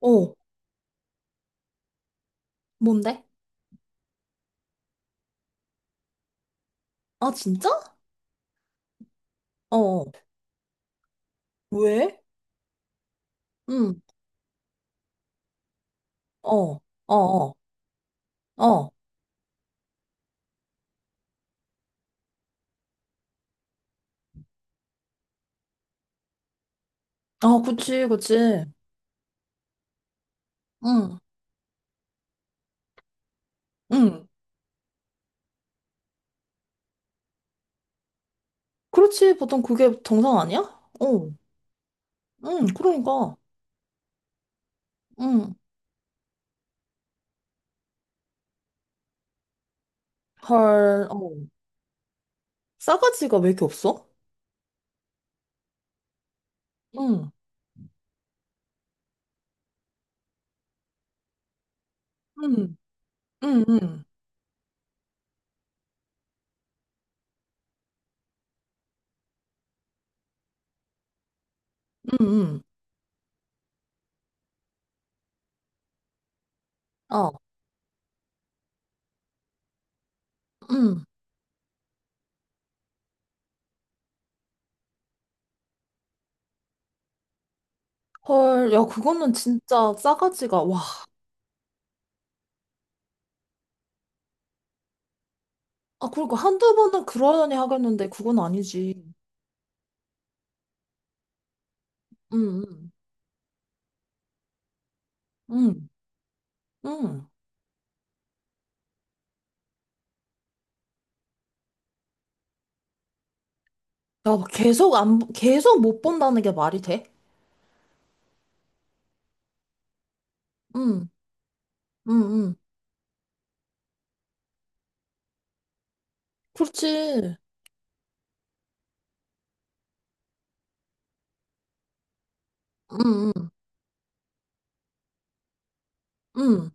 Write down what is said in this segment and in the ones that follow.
어, 뭔데? 아, 진짜? 어, 어. 왜? 응, 어, 어, 어, 어. 아, 그치, 그치. 응, 응. 그렇지, 보통 그게 정상 아니야? 어, 응, 그러니까. 응. 헐, 어. 싸가지가 왜 이렇게 없어? 응, 응, 응, 응, 응, 응. 어, 응. 헐, 야, 그거는 진짜 싸가지가, 와. 아, 그러니까 한두 번은 그러려니 하겠는데, 그건 아니지. 응, 응, 응, 응. 야, 나 계속 안, 계속 못 본다는 게 말이 돼? 응, 응, 응. 그렇지. 응, 응, 응,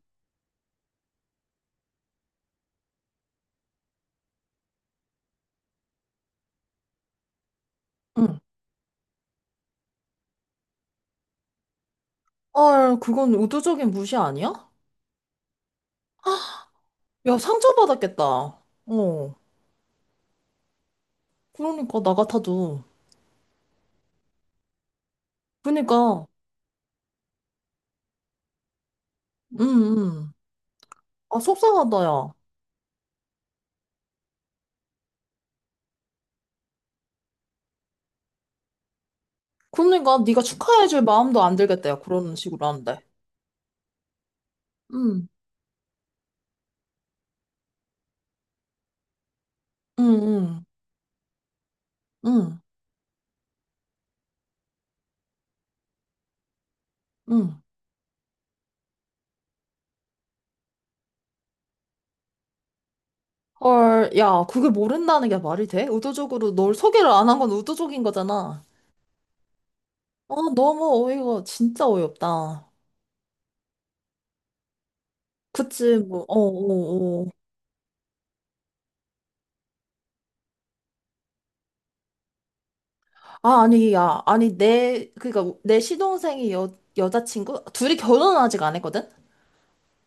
응. 아, 그건 의도적인 무시 아니야? 야, 상처받았겠다. 어. 그러니까, 나 같아도. 그러니까, 응, 응. 아, 속상하다, 야. 그러니까, 네가 축하해줄 마음도 안 들겠다, 야. 그런 식으로 하는데. 응, 응, 응, 응, 응. 헐, 야, 그게 모른다는 게 말이 돼? 의도적으로 널 소개를 안 한 건 의도적인 거잖아. 어, 너무 어이가 진짜 어이없다. 그치, 뭐, 어, 어, 어. 아, 아니, 야, 아니, 내, 그니까, 내 시동생이 여자친구? 둘이 결혼은 아직 안 했거든?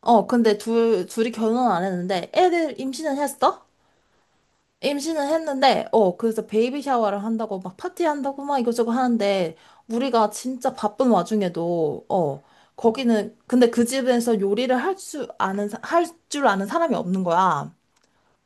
어, 근데 둘이 결혼은 안 했는데, 애들 임신은 했어? 임신은 했는데, 어, 그래서 베이비 샤워를 한다고, 막 파티한다고, 막 이것저것 하는데, 우리가 진짜 바쁜 와중에도, 어, 거기는, 근데 그 집에서 요리를 할 수, 아는, 할 줄 아는 사람이 없는 거야.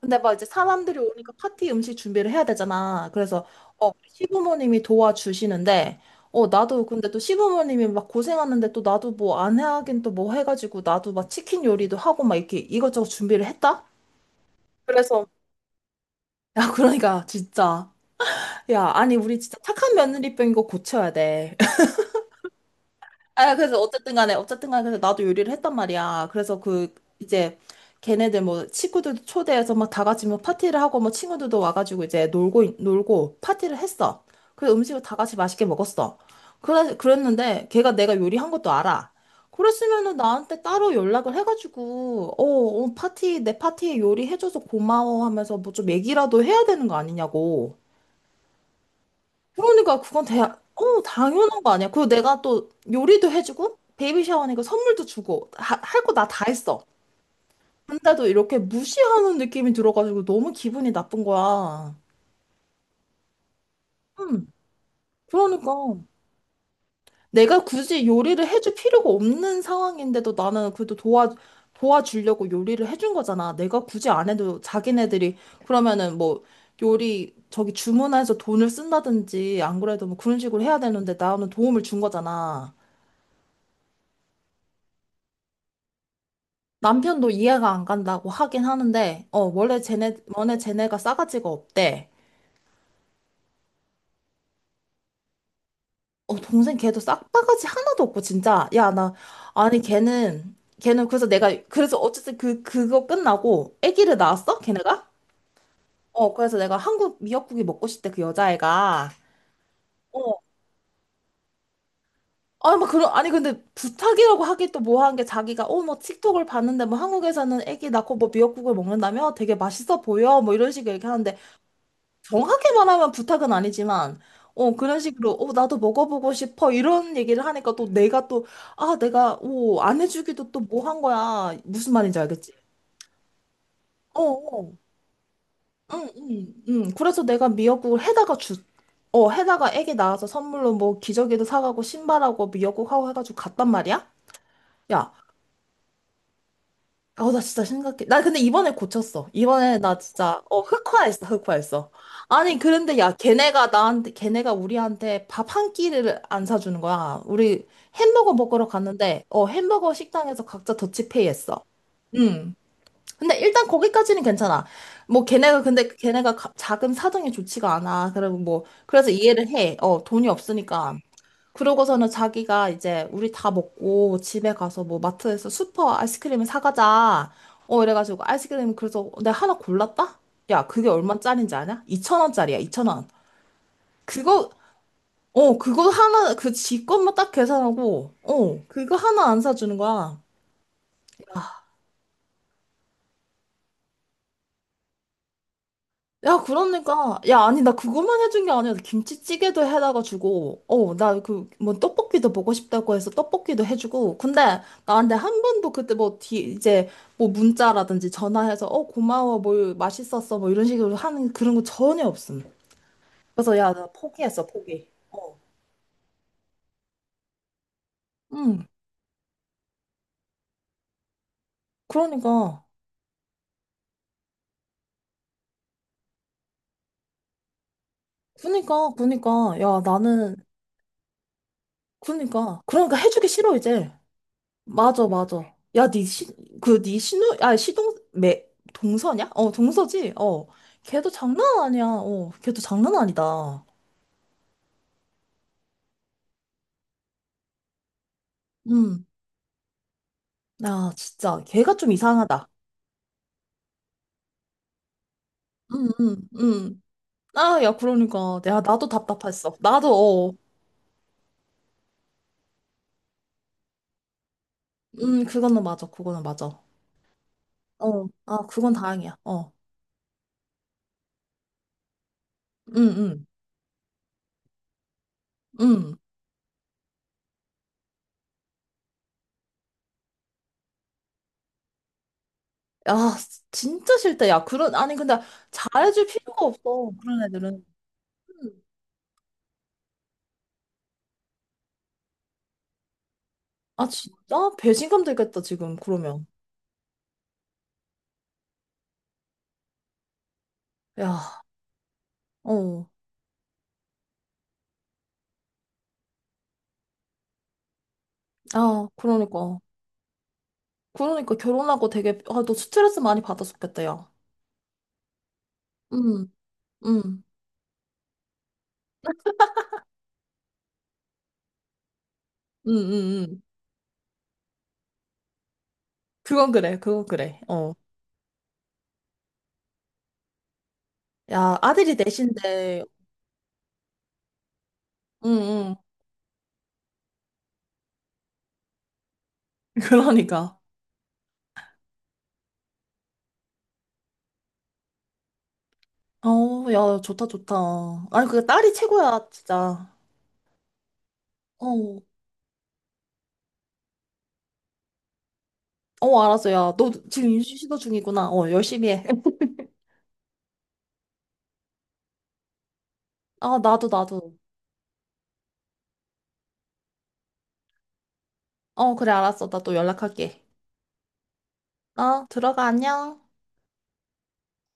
근데 막 이제 사람들이 오니까 파티 음식 준비를 해야 되잖아. 그래서 시부모님이 도와주시는데 나도 근데 또 시부모님이 막 고생하는데 또 나도 뭐 안 하긴 또 뭐 해가지고 나도 막 치킨 요리도 하고 막 이렇게 이것저것 준비를 했다. 그래서 야, 그러니까 진짜. 야, 아니, 우리 진짜 착한 며느리병인 거 고쳐야 돼. 아, 그래서 어쨌든 간에, 어쨌든 간에, 그래서 나도 요리를 했단 말이야. 그래서 그, 이제, 걔네들 뭐, 친구들도 초대해서 막 다 같이 뭐 파티를 하고, 뭐 친구들도 와가지고 이제 놀고, 놀고, 파티를 했어. 그래서 음식을 다 같이 맛있게 먹었어. 그래, 그랬는데, 걔가 내가 요리한 것도 알아. 그랬으면은 나한테 따로 연락을 해가지고, 어, 파티, 내 파티에 요리해줘서 고마워 하면서 뭐 좀 얘기라도 해야 되는 거 아니냐고. 그러니까 그건 당연한 거 아니야. 그리고 내가 또 요리도 해주고, 베이비 샤워니까 선물도 주고, 할 거 나 다 했어. 근데도 이렇게 무시하는 느낌이 들어가지고 너무 기분이 나쁜 거야. 음, 그러니까. 내가 굳이 요리를 해줄 필요가 없는 상황인데도 나는 그래도 도와, 도와주려고 요리를 해준 거잖아. 내가 굳이 안 해도 자기네들이 그러면은 뭐 요리 저기 주문해서 돈을 쓴다든지 안 그래도 뭐 그런 식으로 해야 되는데 나는 도움을 준 거잖아. 남편도 이해가 안 간다고 하긴 하는데, 어, 원래 쟤네, 원래 쟤네가 싸가지가 없대. 어, 동생 걔도 싹바가지 하나도 없고, 진짜. 야, 나, 아니, 걔는, 걔는 그래서 내가, 그래서 어쨌든 그, 그거 끝나고, 아기를 낳았어? 걔네가? 어, 그래서 내가 한국 미역국이 먹고 싶대, 그 여자애가. 어, 아니, 막 그런, 아니, 근데 부탁이라고 하기 또 뭐한 게 자기가, 어, 뭐, 틱톡을 봤는데, 뭐, 한국에서는 아기 낳고 뭐 미역국을 먹는다며? 되게 맛있어 보여? 뭐, 이런 식으로 얘기하는데, 정확히 말하면 부탁은 아니지만, 어, 그런 식으로, 어, 나도 먹어보고 싶어. 이런 얘기를 하니까 또 내가 또, 아, 내가, 오, 안 해주기도 또 뭐 한 거야. 무슨 말인지 알겠지? 어, 어. 응, 응, 응. 그래서 내가 미역국을 해다가 주, 어, 해다가 애기 낳아서 선물로 뭐 기저귀도 사가고 신발하고 미역국하고 해가지고 갔단 말이야? 야, 아, 나 진짜 심각해. 나 근데 이번에 고쳤어. 이번에 나 진짜, 어, 흑화했어, 흑화했어. 아니, 그런데 야, 걔네가 나한테, 걔네가 우리한테 밥 한 끼를 안 사주는 거야. 우리 햄버거 먹으러 갔는데, 어, 햄버거 식당에서 각자 더치페이 했어. 음. 근데 일단 거기까지는 괜찮아. 뭐 걔네가 근데 걔네가 자금 사정이 좋지가 않아. 그리고 뭐 그래서 이해를 해. 어, 돈이 없으니까. 그러고서는 자기가 이제 우리 다 먹고 집에 가서 뭐 마트에서 슈퍼 아이스크림을 사가자. 어, 이래가지고 아이스크림, 그래서 "어, 내가 하나 골랐다? 야, 그게 얼마짜린지 아냐? 2천원짜리야2천원 그거, 어, 그거 하나, 그 지 것만 딱 계산하고, 어, 그거 하나 안 사주는 거야. 야, 그러니까. 야, 아니, 나 그것만 해준 게 아니야. 김치찌개도 해다가 주고, 어, 나 그, 뭐, 떡볶이도 먹고 싶다고 해서 떡볶이도 해주고. 근데 나한테 한 번도 그때 뭐, 뒤, 이제, 뭐, 문자라든지 전화해서, 어, 고마워, 뭐, 맛있었어, 뭐, 이런 식으로 하는 그런 거 전혀 없음. 그래서 야, 나 포기했어, 포기. 응, 그러니까. 그니까, 그니까. 야, 나는, 그니까. 그러니까 해주기 싫어, 이제. 맞아, 맞아. 야, 니 시, 그, 니 신우, 아, 시동, 매, 동서냐? 어, 동서지? 어. 걔도 장난 아니야. 어, 걔도 장난 아니다. 음. 야, 진짜. 걔가 좀 이상하다. 음, 음, 음. 아, 야, 그러니까. 야, 나도 답답했어. 나도, 어. 그거는 맞아. 그거는 맞아. 어. 아, 그건 다행이야. 어. 음, 음, 음. 야, 진짜 싫다. 야, 그런, 아니, 근데 잘해줄 필요가 없어. 그런 애들은. 음. 아, 진짜? 배신감 들겠다, 지금, 그러면. 야, 어, 아, 그러니까. 그러니까 결혼하고 되게, 아, 너 스트레스 많이 받았었겠다, 야. 음, 음, 음, 음, 음. 그건 그래, 그건 그래. 어. 야, 아들이 넷인데, 응, 응. 그러니까. 어, 야, 좋다, 좋다. 아니, 그 딸이 최고야, 진짜. 어, 어, 알았어, 야. 너 지금 인수 시도 중이구나. 어, 열심히 해. 아, 나도, 나도. 어, 그래, 알았어. 나 또 연락할게. 어, 들어가, 안녕.